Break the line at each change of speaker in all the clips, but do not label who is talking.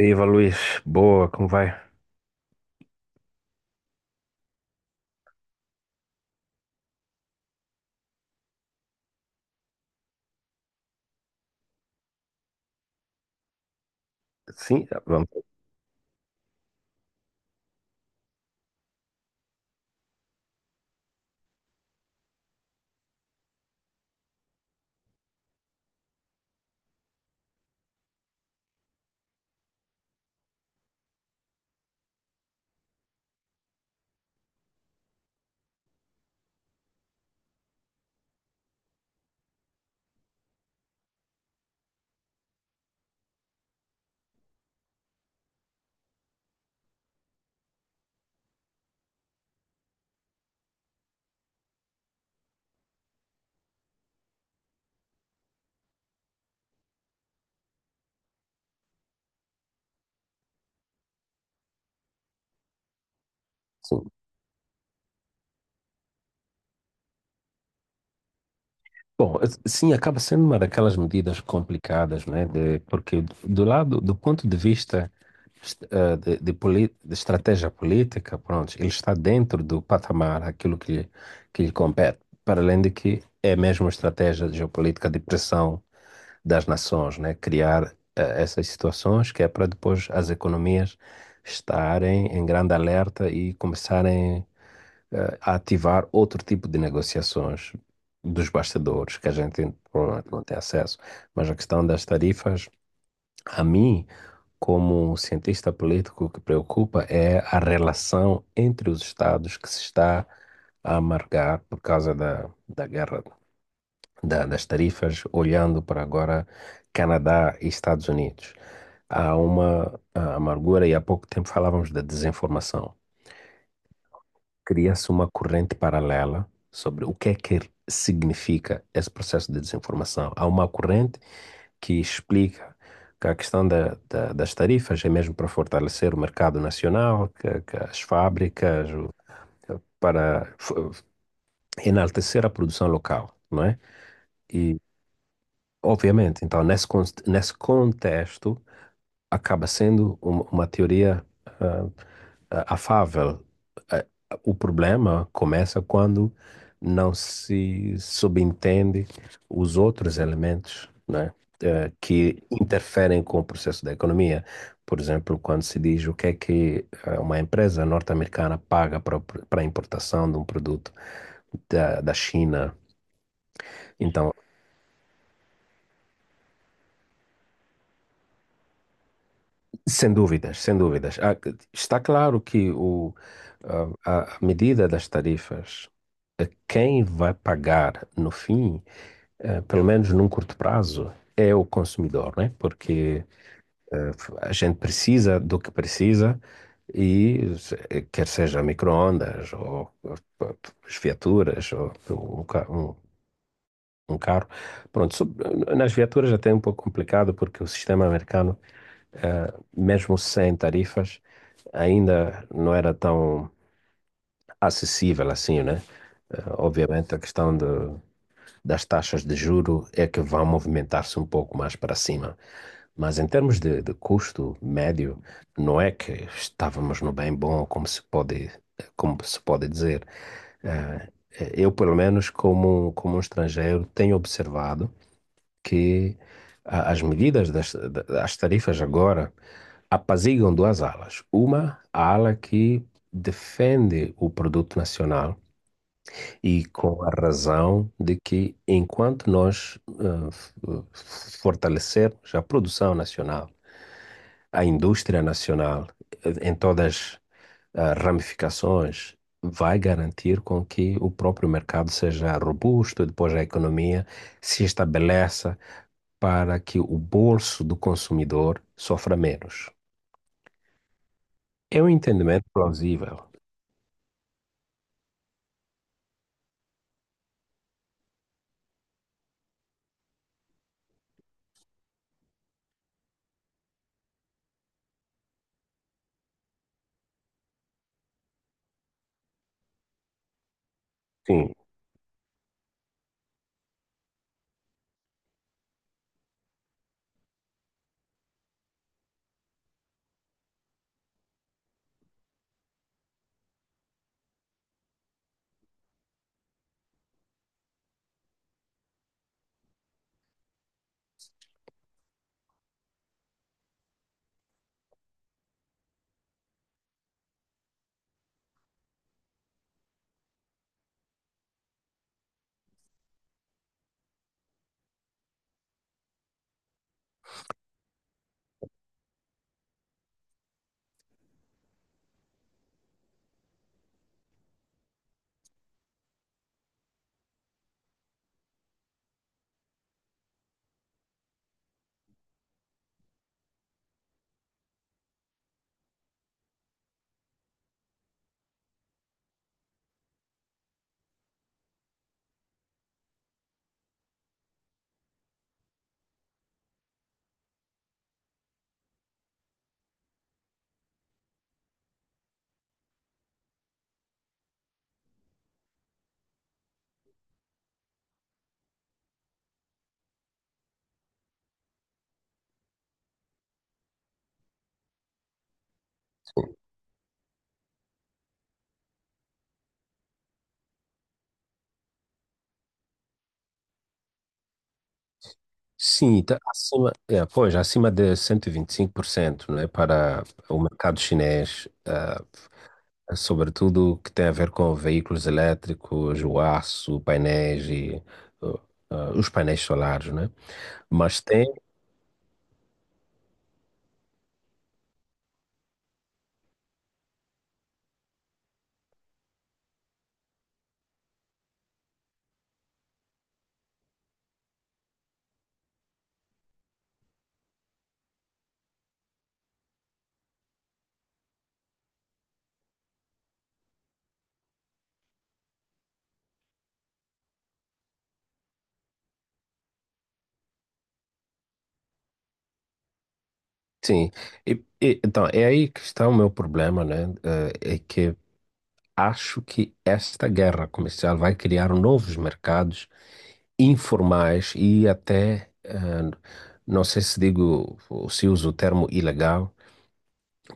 E Eva Luiz, boa, como vai? Sim, vamos. Sim. Bom, sim, acaba sendo uma daquelas medidas complicadas, né? Porque do lado, do ponto de vista de, de estratégia política, pronto, ele está dentro do patamar, aquilo que, que lhe compete, para além de que é mesmo uma estratégia de geopolítica de pressão das nações, né? Criar essas situações que é para depois as economias estarem em grande alerta e começarem a ativar outro tipo de negociações dos bastidores que a gente provavelmente não tem acesso. Mas a questão das tarifas, a mim, como um cientista político, o que preocupa é a relação entre os estados que se está a amargar por causa da guerra das tarifas, olhando para agora Canadá e Estados Unidos. Há uma amargura, e há pouco tempo falávamos da desinformação. Cria-se uma corrente paralela sobre o que é que significa esse processo de desinformação. Há uma corrente que explica que a questão das tarifas é mesmo para fortalecer o mercado nacional, que as fábricas, para enaltecer a produção local, não é? E, obviamente, então, nesse contexto, acaba sendo uma teoria afável. Ah, O problema começa quando não se subentende os outros elementos, né, que interferem com o processo da economia. Por exemplo, quando se diz o que é que uma empresa norte-americana paga para para a importação de um produto da China. Então, sem dúvidas, sem dúvidas. Está claro que a medida das tarifas, quem vai pagar no fim, pelo menos num curto prazo, é o consumidor, né? Porque eh, a gente precisa do que precisa e quer seja micro-ondas ou as viaturas ou um, ca- um- um carro. Pronto, nas viaturas até é um pouco complicado porque o sistema americano, eh, mesmo sem tarifas, ainda não era tão acessível assim, né? Obviamente, a questão das taxas de juro é que vão movimentar-se um pouco mais para cima. Mas em termos de custo médio, não é que estávamos no bem bom, como se pode dizer. Eh, Eu, pelo menos, como um estrangeiro, tenho observado que as medidas das tarifas agora apaziguam duas alas. Uma, a ala que defende o produto nacional e com a razão de que enquanto nós, fortalecermos a produção nacional, a indústria nacional, em todas as ramificações, vai garantir com que o próprio mercado seja robusto, depois a economia se estabeleça para que o bolso do consumidor sofra menos. É um entendimento plausível. Sim. Sim, tá acima, é, pois, acima de 125%, não é, para o mercado chinês. Sobretudo o que tem a ver com veículos elétricos, o aço, painéis e uh, os painéis solares, né? Mas tem, sim. E, então, é aí que está o meu problema, né? É que acho que esta guerra comercial vai criar novos mercados informais e até, não sei se digo, se uso o termo ilegal,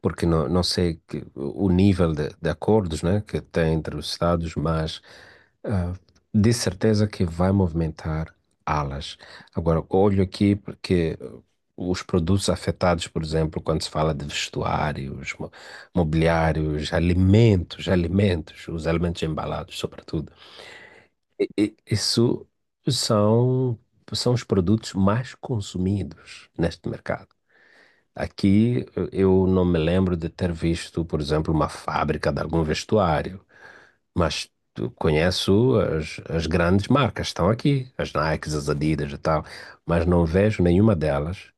porque não sei que, o nível de acordos, né, que tem entre os Estados, mas ah, de certeza que vai movimentar alas. Agora, olho aqui porque os produtos afetados, por exemplo, quando se fala de vestuários, mobiliários, alimentos, alimentos, os alimentos embalados, sobretudo, isso são, são os produtos mais consumidos neste mercado. Aqui eu não me lembro de ter visto, por exemplo, uma fábrica de algum vestuário, mas eu conheço as grandes marcas, estão aqui, as Nikes, as Adidas e tal, mas não vejo nenhuma delas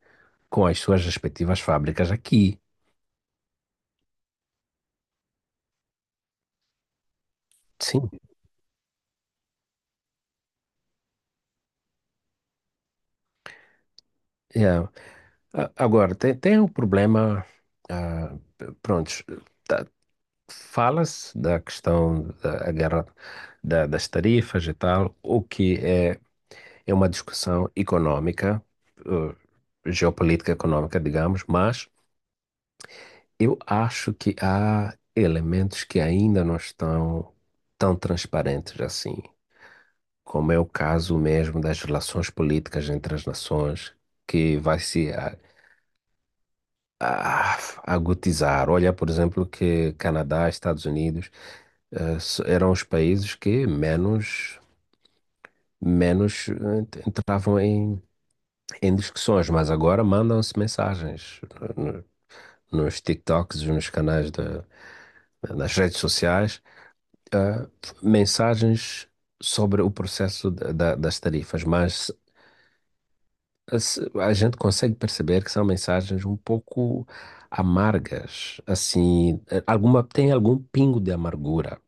com as suas respectivas fábricas aqui. Sim. É. Agora, tem um problema. ah, Pronto, tá- fala-se da questão da guerra das tarifas e tal, o que é É uma discussão econômica, geopolítica econômica, digamos, mas eu acho que há elementos que ainda não estão tão transparentes assim, como é o caso mesmo das relações políticas entre as nações, que vai se a- agudizar. Olha, por exemplo, que Canadá, Estados Unidos, eram os países que menos entravam em discussões, mas agora mandam-se mensagens no- nos TikToks, nos canais da nas redes sociais, ah, mensagens sobre o processo das tarifas, mas a gente consegue perceber que são mensagens um pouco amargas, assim, tem algum pingo de amargura.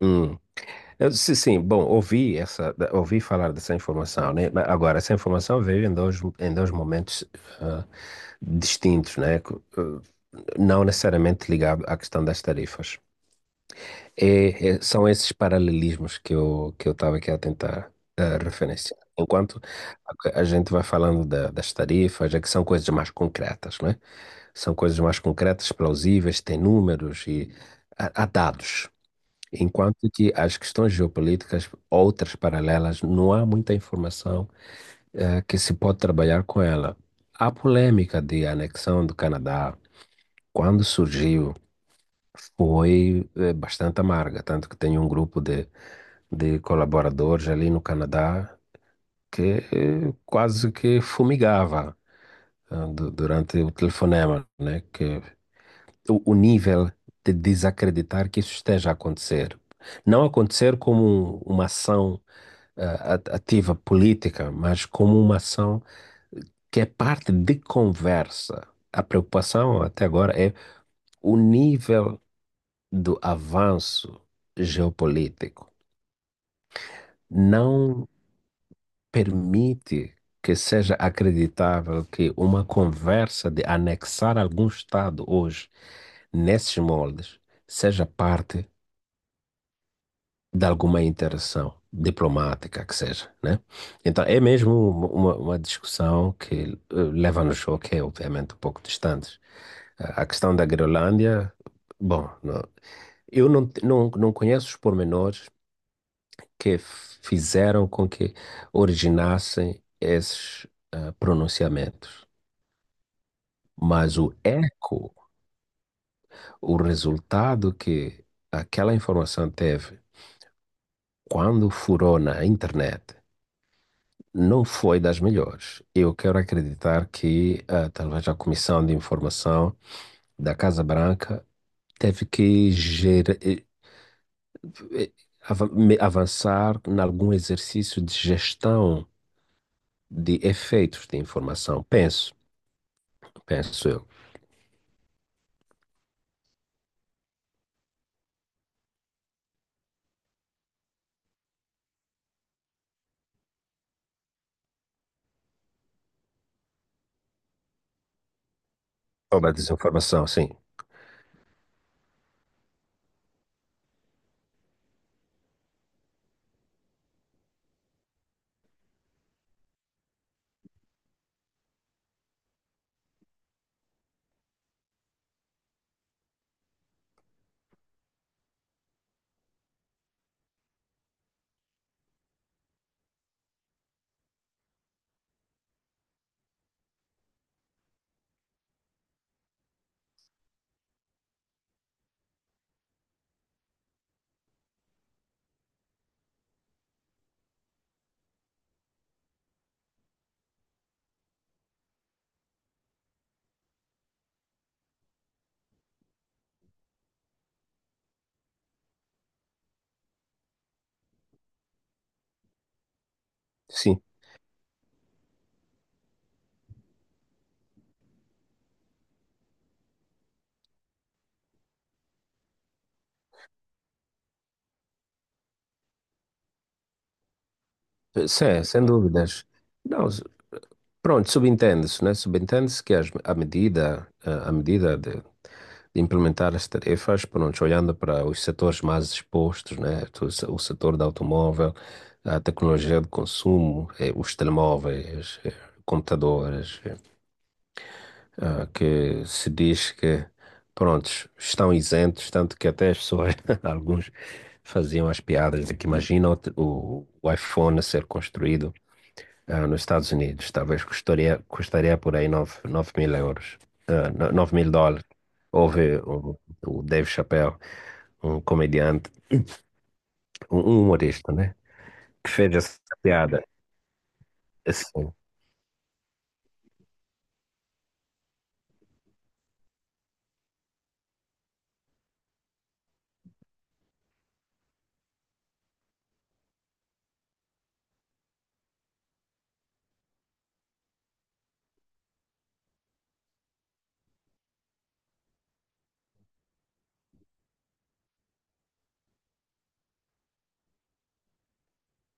Hum. Eu disse, sim, bom, ouvi falar dessa informação, né? Mas agora, essa informação veio em dois momentos, ah, distintos, né? Não necessariamente ligado à questão das tarifas. São esses paralelismos que eu estava aqui a tentar referenciar. Enquanto a gente vai falando das tarifas, é que são coisas mais concretas, né? São coisas mais concretas, plausíveis, têm números e há dados. Enquanto que as questões geopolíticas, outras paralelas, não há muita informação, que se pode trabalhar com ela. A polêmica de anexão do Canadá, quando surgiu, foi, bastante amarga, tanto que tem um grupo de colaboradores ali no Canadá que, quase que fumigava, durante o telefonema, né? Que o nível de desacreditar que isso esteja a acontecer. Não acontecer como uma ação ativa política, mas como uma ação que é parte de conversa. A preocupação até agora é o nível do avanço geopolítico. Não permite que seja acreditável que uma conversa de anexar algum Estado hoje nesses moldes seja parte de alguma interação diplomática que seja, né? Então é mesmo uma discussão que, leva-nos ao que é obviamente um pouco distantes. A questão da Groenlândia, bom, eu não conheço os pormenores que fizeram com que originassem esses, pronunciamentos, mas o eco, o resultado que aquela informação teve quando furou na internet não foi das melhores. Eu quero acreditar que, talvez a Comissão de Informação da Casa Branca teve que eh, avançar em algum exercício de gestão de efeitos de informação. Penso, penso eu. Sobre a desinformação, sim. Sim, sem, sem dúvidas. Não, pronto, subentende-se, né? Subentende-se que a medida de implementar as tarefas, pronto, olhando para os setores mais expostos, né? O setor do automóvel, a tecnologia de consumo, os telemóveis, computadores, que se diz que, prontos, estão isentos, tanto que até as pessoas, alguns faziam as piadas de que imagina o, te- o iPhone a ser construído, nos Estados Unidos, talvez custaria, custaria por aí 9.000 euros, 9.000 dólares. Houve o Dave Chappelle, um comediante, um humorista, né? Que fez essa piada. Assim,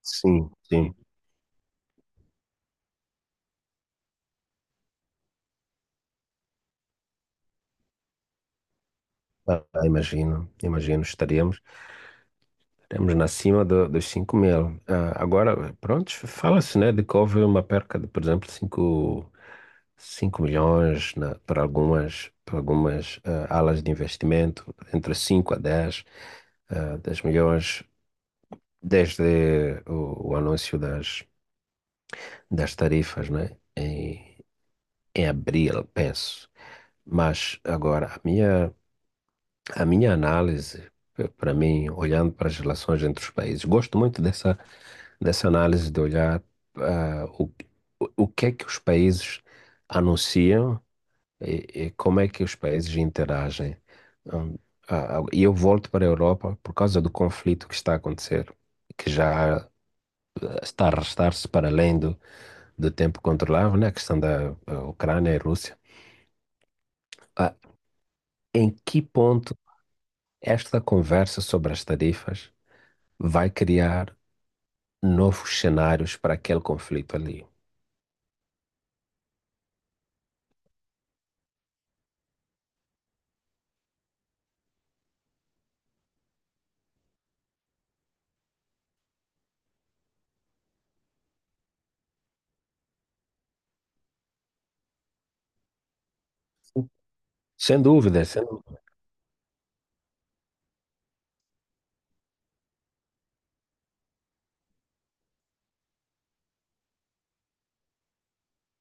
sim, sim. Imagino, imagino, estaríamos, estaríamos na cima dos 5.000. Agora, pronto, fala-se, né, de que houve uma perca de, por exemplo, cinco milhões, para algumas, alas de investimento, entre 5 a dez, 10 milhões, desde o anúncio das tarifas, né? Em abril, penso. Mas agora, a minha análise, para mim, olhando para as relações entre os países, gosto muito dessa análise de olhar, ah, o, o o que é que os países anunciam. E, como é que os países interagem? Hum, E eu volto para a Europa por causa do conflito que está a acontecer, que já, está a arrastar-se para além do tempo controlável, né? A questão da, Ucrânia e Rússia. Ah, em que ponto esta conversa sobre as tarifas vai criar novos cenários para aquele conflito ali? Sem dúvida, sem.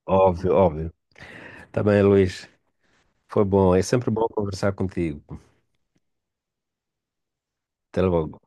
Óbvio, óbvio. Tá bem, Luís. Foi bom. É sempre bom conversar contigo. Até logo.